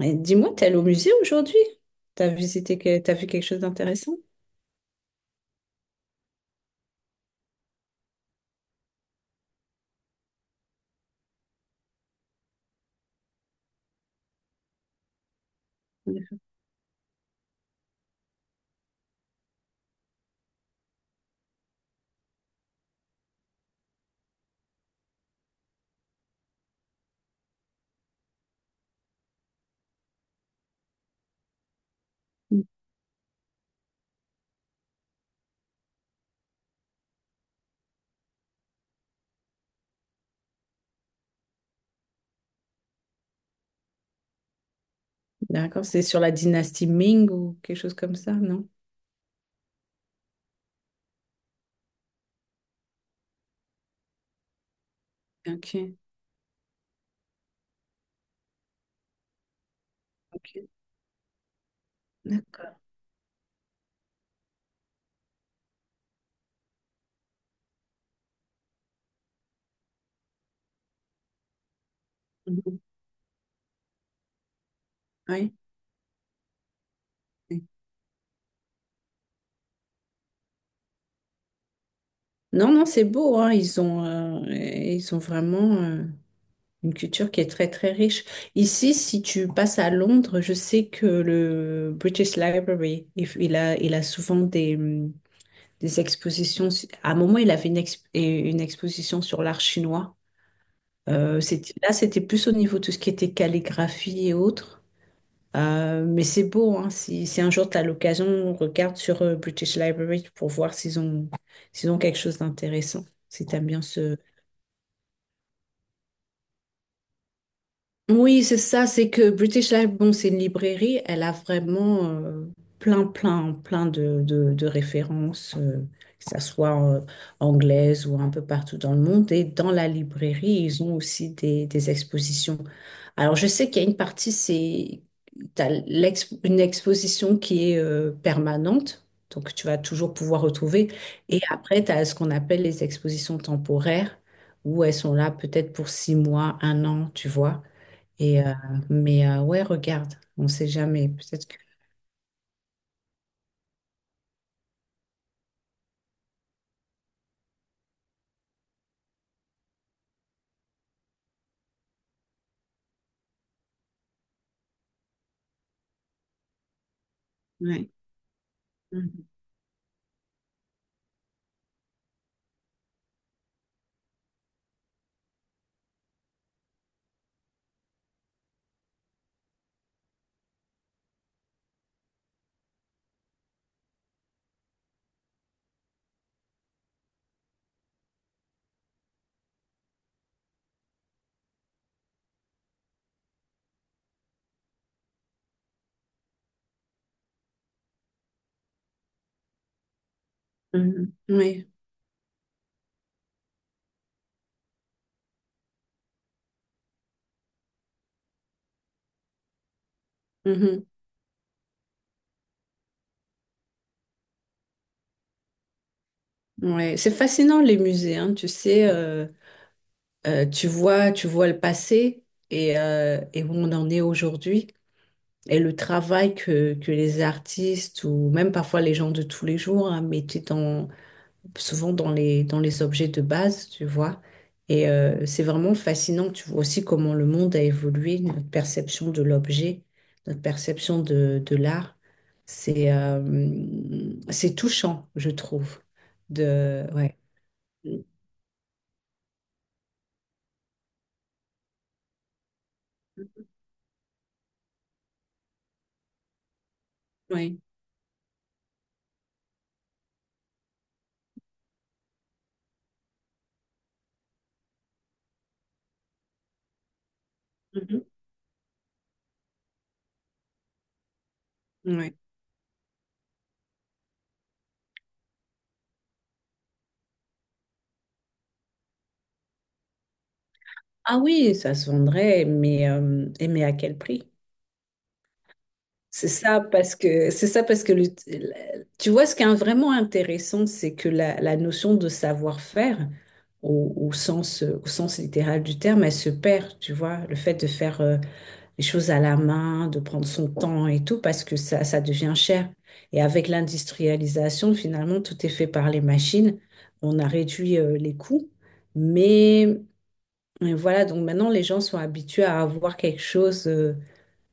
Et dis-moi, t'es allé au musée aujourd'hui? T'as visité, t'as vu quelque chose d'intéressant? D'accord, c'est sur la dynastie Ming ou quelque chose comme ça, non? Ok, ok, d'accord. Mhm. Oui. Oui. Non, non, c'est beau, hein. Ils ont vraiment une culture qui est très, très riche. Ici, si tu passes à Londres, je sais que le British Library, il a souvent des expositions. À un moment, il avait une, une exposition sur l'art chinois. C'était- là, c'était plus au niveau de tout ce qui était calligraphie et autres. Mais c'est beau, hein. Si, si un jour tu as l'occasion, regarde sur British Library pour voir s'ils ont quelque chose d'intéressant, si tu aimes bien ce, Oui, c'est ça, c'est que British Life, bon, c'est une librairie, elle a vraiment plein, plein, plein de références, que ça soit anglaise ou un peu partout dans le monde. Et dans la librairie, ils ont aussi des expositions. Alors, je sais qu'il y a une partie, c'est, une exposition qui est permanente, donc tu vas toujours pouvoir retrouver. Et après, tu as ce qu'on appelle les expositions temporaires, où elles sont là peut-être pour six mois, un an, tu vois. Et, mais ouais, regarde, on ne sait jamais. Peut-être que. Mhm. Oui. Mhm. Ouais. C'est fascinant les musées, hein. Tu sais, tu vois le passé et où on en est aujourd'hui et le travail que les artistes ou même parfois les gens de tous les jours hein, mettaient dans, souvent dans les objets de base, tu vois. Et c'est vraiment fascinant, tu vois aussi comment le monde a évolué, notre perception de l'objet, notre perception de l'art. C'est euh, c'est touchant, je trouve. De, ouais. Ouais. Mhm. Ouais. Ah oui, ça se vendrait, mais, et mais à quel prix? C'est ça parce que c'est ça parce que tu vois ce qui est vraiment intéressant, c'est que la notion de savoir-faire au, au sens littéral du terme, elle se perd, tu vois, le fait de faire les choses à la main, de prendre son temps et tout parce que ça devient cher. Et avec l'industrialisation, finalement, tout est fait par les machines. On a réduit les coûts, mais voilà, donc maintenant les gens sont habitués à avoir quelque chose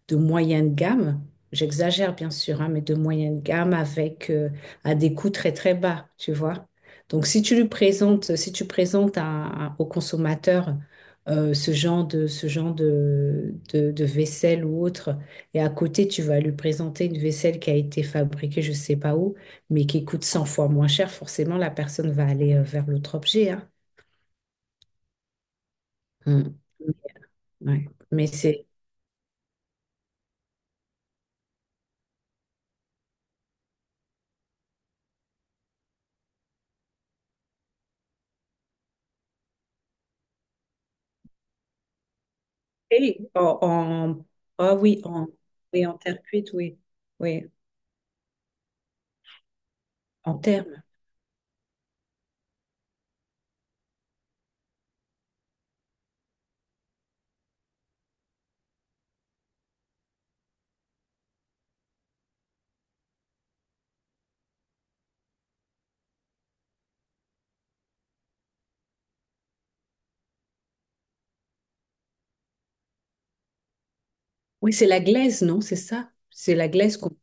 de moyenne gamme. J'exagère bien sûr, hein, mais de moyenne gamme avec à des coûts très très bas, tu vois. Donc si tu lui présentes, si tu présentes au consommateur ce genre de vaisselle ou autre, et à côté tu vas lui présenter une vaisselle qui a été fabriquée je sais pas où, mais qui coûte 100 fois moins cher, forcément la personne va aller vers l'autre objet, hein. Mm. Ouais. Mais c'est Et en, en- ah oui, en, oui, en terre cuite, oui. Oui, en terme. Oui, c'est la glaise, non? C'est ça? C'est la glaise qu'on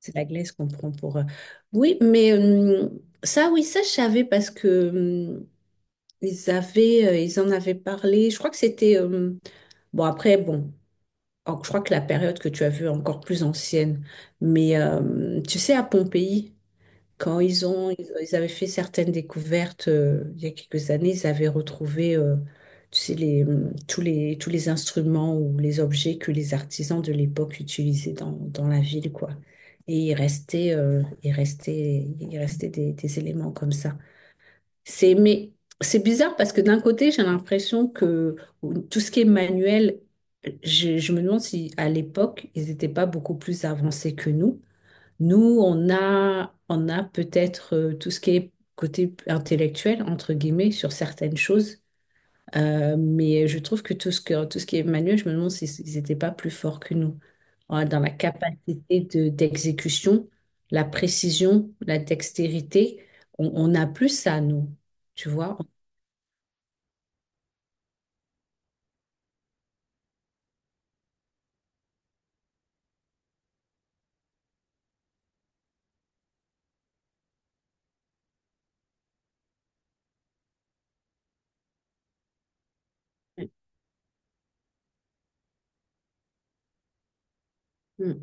c'est la glaise qu'on prend pour. Oui, mais ça, oui, ça, je savais parce que ils avaient, ils en avaient parlé. Je crois que c'était. Bon, après, bon, je crois que la période que tu as vue est encore plus ancienne. Mais tu sais, à Pompéi. Quand ils avaient fait certaines découvertes il y a quelques années, ils avaient retrouvé, tu sais, les, tous les, tous les instruments ou les objets que les artisans de l'époque utilisaient dans, dans la ville, quoi. Et il restait, il restait des éléments comme ça. C'est, mais c'est bizarre parce que d'un côté, j'ai l'impression que tout ce qui est manuel, je me demande si à l'époque, ils n'étaient pas beaucoup plus avancés que nous. Nous, on a peut-être tout ce qui est côté intellectuel, entre guillemets, sur certaines choses. Mais je trouve que tout ce qui est manuel, je me demande s'ils n'étaient pas plus forts que nous. Voilà, dans la capacité de, d'exécution, la précision, la dextérité, on a plus ça, nous. Tu vois? Mm.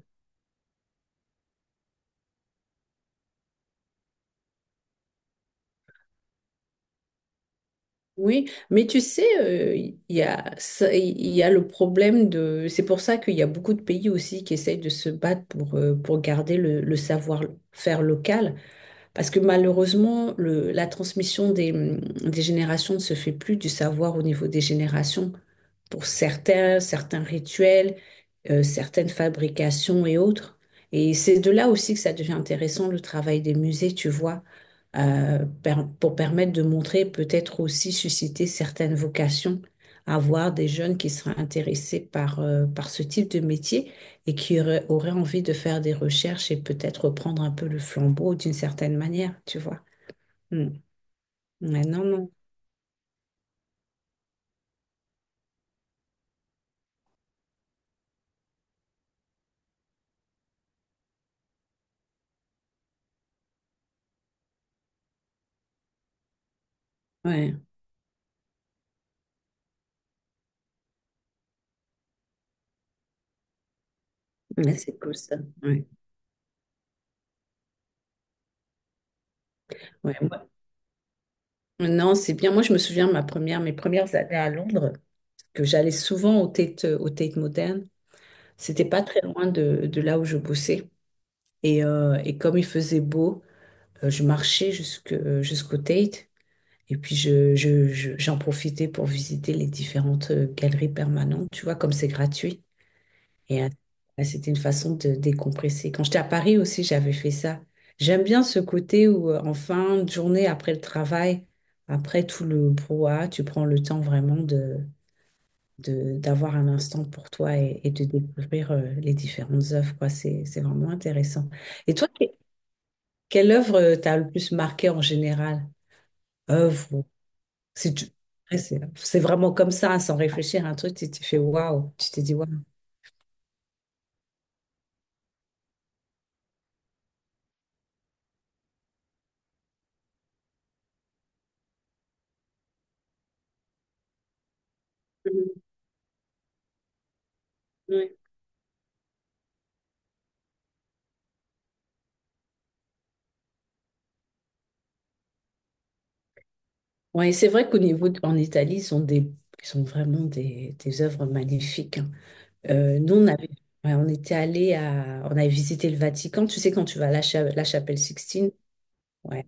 Oui, mais tu sais, ça- il y a le problème de... C'est pour ça qu'il y a beaucoup de pays aussi qui essayent de se battre pour garder le savoir-faire local. Parce que malheureusement, la transmission des générations ne se fait plus du savoir au niveau des générations. Pour certains, certains rituels, certaines fabrications et autres. Et c'est de là aussi que ça devient intéressant, le travail des musées, tu vois, pour permettre de montrer, peut-être aussi susciter certaines vocations, avoir des jeunes qui seraient intéressés par, par ce type de métier et qui aurait envie de faire des recherches et peut-être reprendre un peu le flambeau d'une certaine manière, tu vois. Mm. Ouais, non, non. Ouais, mais c'est cool ça. Ouais. Ouais, moi- Non, c'est bien. Moi, je me souviens mes premières années à Londres, que j'allais souvent au Tate Modern. C'était pas très loin de là où je bossais. Et comme il faisait beau, je marchais jusque, jusqu'au Tate. Et puis, j'en profitais pour visiter les différentes galeries permanentes. Tu vois, comme c'est gratuit. Et bah, c'était une façon de décompresser. Quand j'étais à Paris aussi, j'avais fait ça. J'aime bien ce côté où, en fin de journée, après le travail, après tout le brouhaha, tu prends le temps vraiment de, d'avoir un instant pour toi et de découvrir les différentes œuvres, quoi. C'est vraiment intéressant. Et toi, quelle œuvre t'a le plus marqué en général? Œuvre, ou- si tu- Après, c'est vraiment comme ça, hein, sans réfléchir à un truc, tu t'es fait waouh, tu t'es dit waouh. Mhm. Oui, c'est vrai qu'au niveau, en Italie, ils sont des, ils sont vraiment des œuvres magnifiques, hein. Nous, on avait, ouais, on était allé à, on avait visité le Vatican. Tu sais, quand tu vas à la, la chapelle Sixtine, ouais,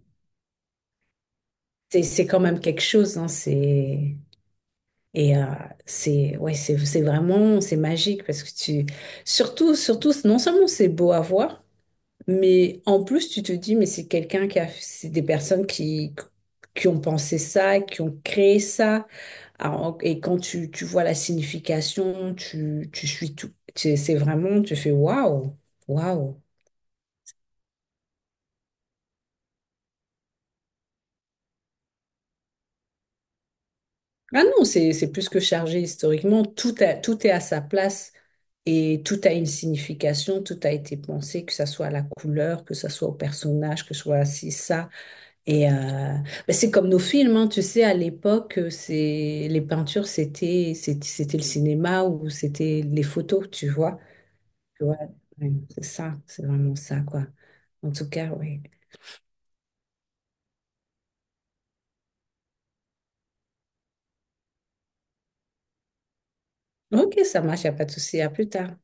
c'est quand même quelque chose, hein, c'est, et c'est, ouais, c'est vraiment, c'est magique parce que tu, surtout, surtout, non seulement c'est beau à voir, mais en plus, tu te dis, mais c'est quelqu'un qui a, c'est des personnes qui ont pensé ça, qui ont créé ça. Alors, et quand tu vois la signification, tu suis tout. C'est vraiment, tu fais waouh, waouh. Ah non, c'est plus que chargé historiquement. Tout est à sa place et tout a une signification, tout a été pensé, que ça soit à la couleur, que ça soit au personnage, que ce soit ci, ça. Et ben, c'est comme nos films, hein. Tu sais, à l'époque, les peintures, c'était le cinéma ou c'était les photos, tu vois. Ouais, ouais, c'est ça, c'est vraiment ça, quoi. En tout cas, oui. Ok, ça marche, il a pas de souci. À plus tard.